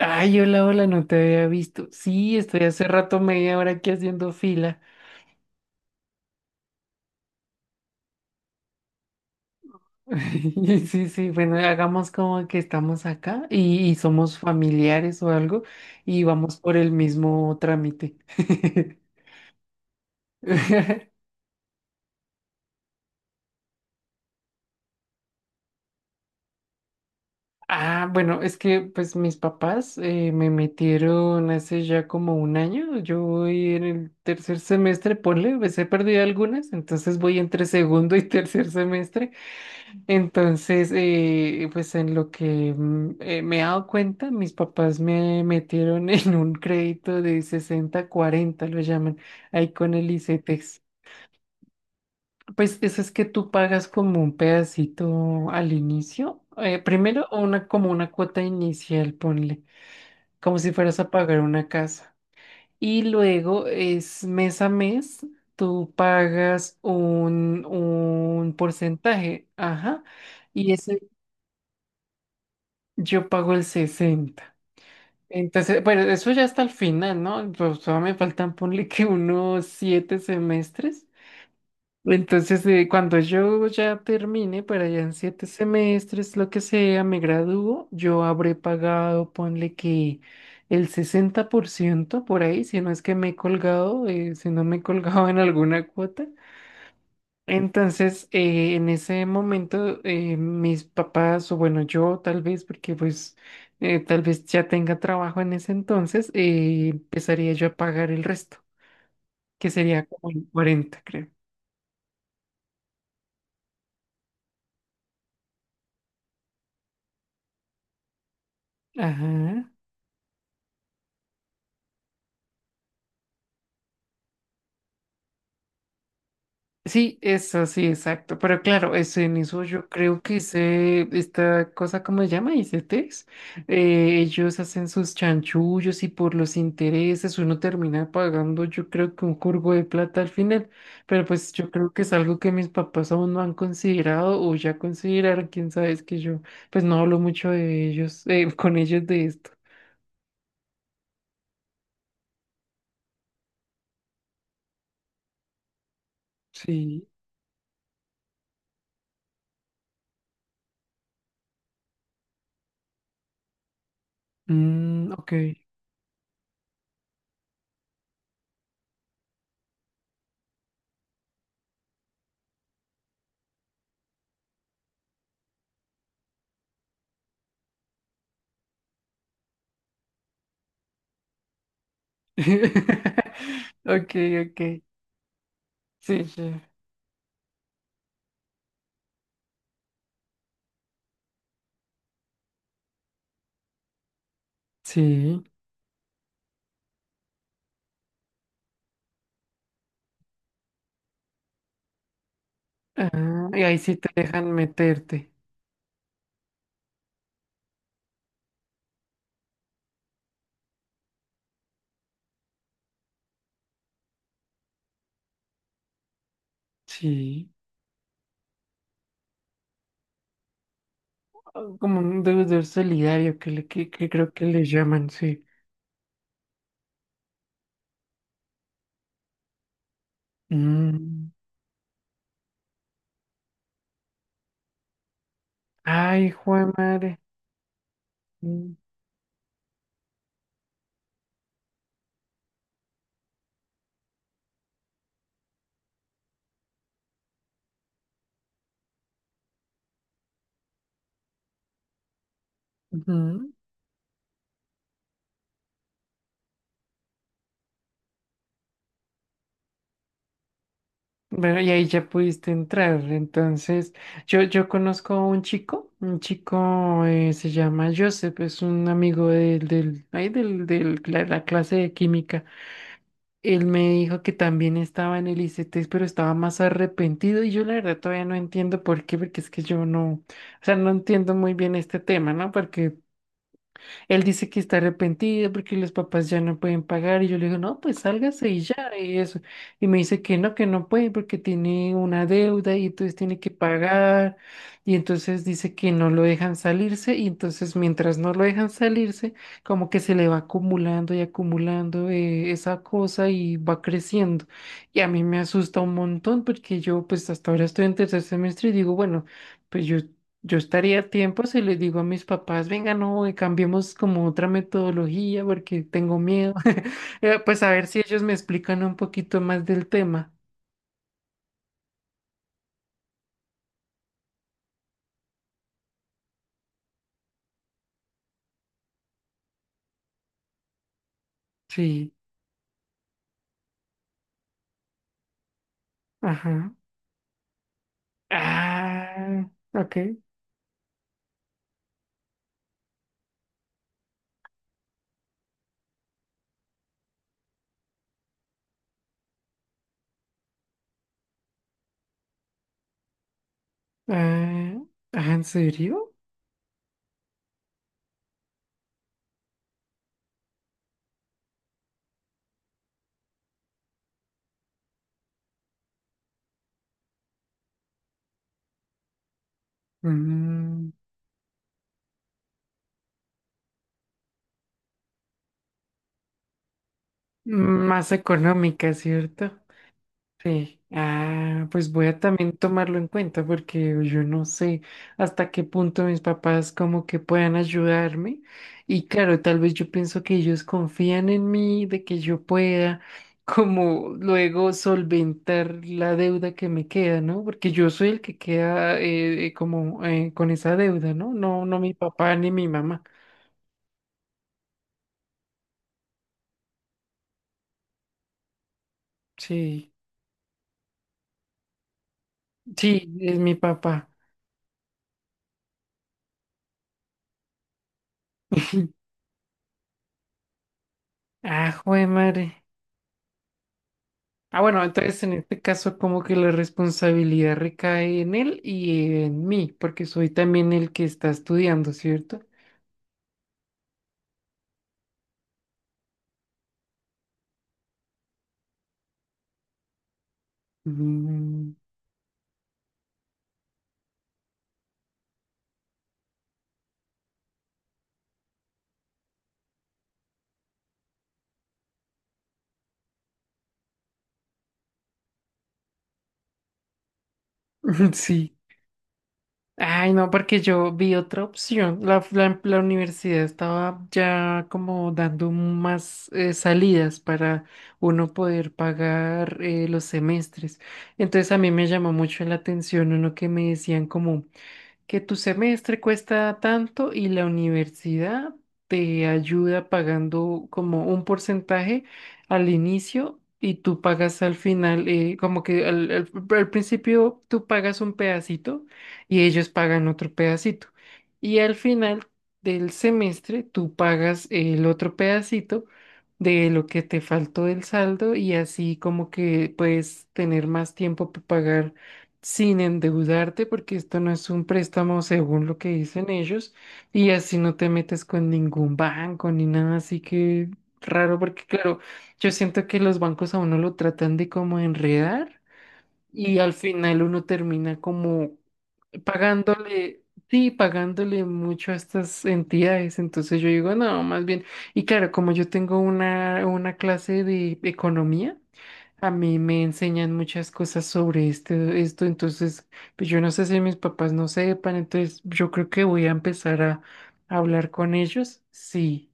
Ay, hola, hola, no te había visto. Sí, estoy hace rato media hora aquí haciendo fila. Sí, sí, bueno, hagamos como que estamos acá y somos familiares o algo y vamos por el mismo trámite. Ah, bueno, es que pues mis papás me metieron hace ya como un año. Yo voy en el tercer semestre, ponle, pues he perdido algunas, entonces voy entre segundo y tercer semestre. Entonces, pues en lo que me he dado cuenta, mis papás me metieron en un crédito de sesenta cuarenta lo llaman, ahí con el ICETEX. Pues eso es que tú pagas como un pedacito al inicio, primero como una cuota inicial, ponle, como si fueras a pagar una casa. Y luego es mes a mes, tú pagas un porcentaje, ajá. Y eso. Yo pago el sesenta. Entonces, bueno, eso ya está al final, ¿no? Pues todavía me faltan, ponle que unos siete semestres. Entonces, cuando yo ya termine, para allá en siete semestres, lo que sea, me gradúo, yo habré pagado, ponle que el 60 por ciento por ahí, si no es que me he colgado, si no me he colgado en alguna cuota. Entonces, en ese momento, mis papás, o bueno, yo tal vez, porque pues tal vez ya tenga trabajo en ese entonces, empezaría yo a pagar el resto, que sería como en 40, creo. Ajá. Sí, eso sí, exacto. Pero claro, eso en eso yo creo que se, esta cosa, ¿cómo se llama? ICTs. Ellos hacen sus chanchullos y por los intereses uno termina pagando, yo creo que un curvo de plata al final. Pero pues yo creo que es algo que mis papás aún no han considerado o ya consideraron, quién sabe, es que yo pues no hablo mucho de ellos, con ellos de esto. Sí. Mm, ok. Ok, ok. Sí, sí. Sí. Ah, y ahí sí te dejan meterte. Sí. Ah, como un deudor solidario que, le, que creo que le llaman, sí. Mm. Ay, Juan madre. Mm, ujú. Bueno, y ahí ya pudiste entrar. Entonces, yo conozco a un chico, se llama Joseph, es un amigo del, del, ay, del, del, la la clase de química. Él me dijo que también estaba en el ICT, pero estaba más arrepentido y yo la verdad todavía no entiendo por qué, porque es que yo no, o sea, no entiendo muy bien este tema, ¿no? Porque él dice que está arrepentido porque los papás ya no pueden pagar y yo le digo, no, pues sálgase y ya, y eso. Y me dice que no puede porque tiene una deuda y entonces tiene que pagar. Y entonces dice que no lo dejan salirse y entonces mientras no lo dejan salirse, como que se le va acumulando y acumulando esa cosa y va creciendo. Y a mí me asusta un montón porque yo pues hasta ahora estoy en tercer semestre y digo, bueno, pues yo estaría a tiempo si les digo a mis papás, venga, no, cambiemos como otra metodología porque tengo miedo. Pues a ver si ellos me explican un poquito más del tema. Sí, ajá. Ah, ok. Ah, ah, ¿en serio? Mm, más económica, ¿cierto? Sí, ah, pues voy a también tomarlo en cuenta porque yo no sé hasta qué punto mis papás como que puedan ayudarme. Y claro, tal vez yo pienso que ellos confían en mí, de que yo pueda como luego solventar la deuda que me queda, ¿no? Porque yo soy el que queda como con esa deuda, ¿no? No, no mi papá ni mi mamá. Sí, sí, es mi papá. Ah, joder, madre. Ah, bueno, entonces en este caso como que la responsabilidad recae en él y en mí, porque soy también el que está estudiando, ¿cierto? Mm, sí. Ay, no, porque yo vi otra opción. La universidad estaba ya como dando más salidas para uno poder pagar los semestres. Entonces a mí me llamó mucho la atención uno que me decían como... que tu semestre cuesta tanto y la universidad te ayuda pagando como un porcentaje al inicio y tú pagas al final, como que al principio tú pagas un pedacito y ellos pagan otro pedacito. Y al final del semestre tú pagas el otro pedacito de lo que te faltó del saldo y así como que puedes tener más tiempo para pagar sin endeudarte, porque esto no es un préstamo según lo que dicen ellos, y así no te metes con ningún banco ni nada, así que raro, porque claro, yo siento que los bancos a uno lo tratan de como enredar y al final uno termina como pagándole. Sí, pagándole mucho a estas entidades, entonces yo digo, no, más bien, y claro, como yo tengo una clase de economía, a mí me enseñan muchas cosas sobre esto, esto, entonces, pues yo no sé si mis papás no sepan, entonces yo creo que voy a empezar a hablar con ellos. Sí,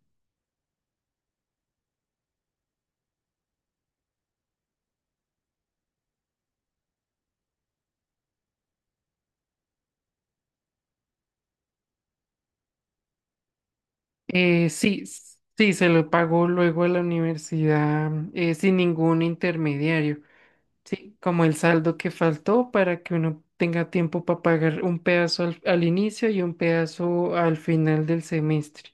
sí, sí, se lo pago luego a la universidad sin ningún intermediario, sí, como el saldo que faltó para que uno tenga tiempo para pagar un pedazo al, al inicio y un pedazo al final del semestre.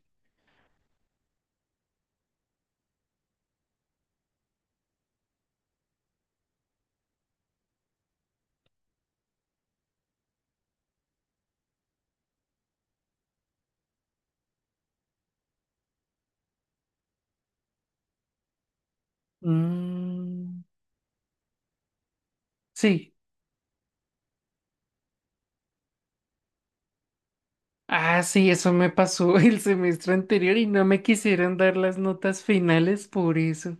Mm, sí. Ah, sí, eso me pasó el semestre anterior y no me quisieron dar las notas finales por eso.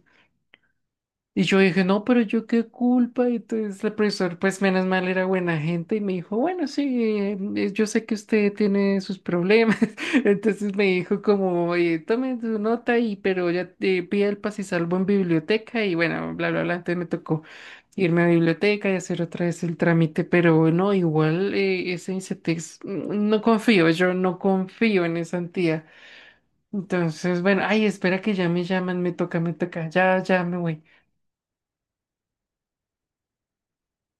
Y yo dije, no, pero yo qué culpa. Y entonces el profesor, pues menos mal, era buena gente y me dijo, bueno, sí, yo sé que usted tiene sus problemas. Entonces me dijo como, tome su nota y pero ya te pida el paz y salvo en biblioteca y bueno, bla, bla, bla. Entonces me tocó irme a biblioteca y hacer otra vez el trámite, pero no, igual ese ICETEX, no confío, yo no confío en esa entidad. Entonces, bueno, ay, espera que ya me llaman, me toca, ya, ya me voy.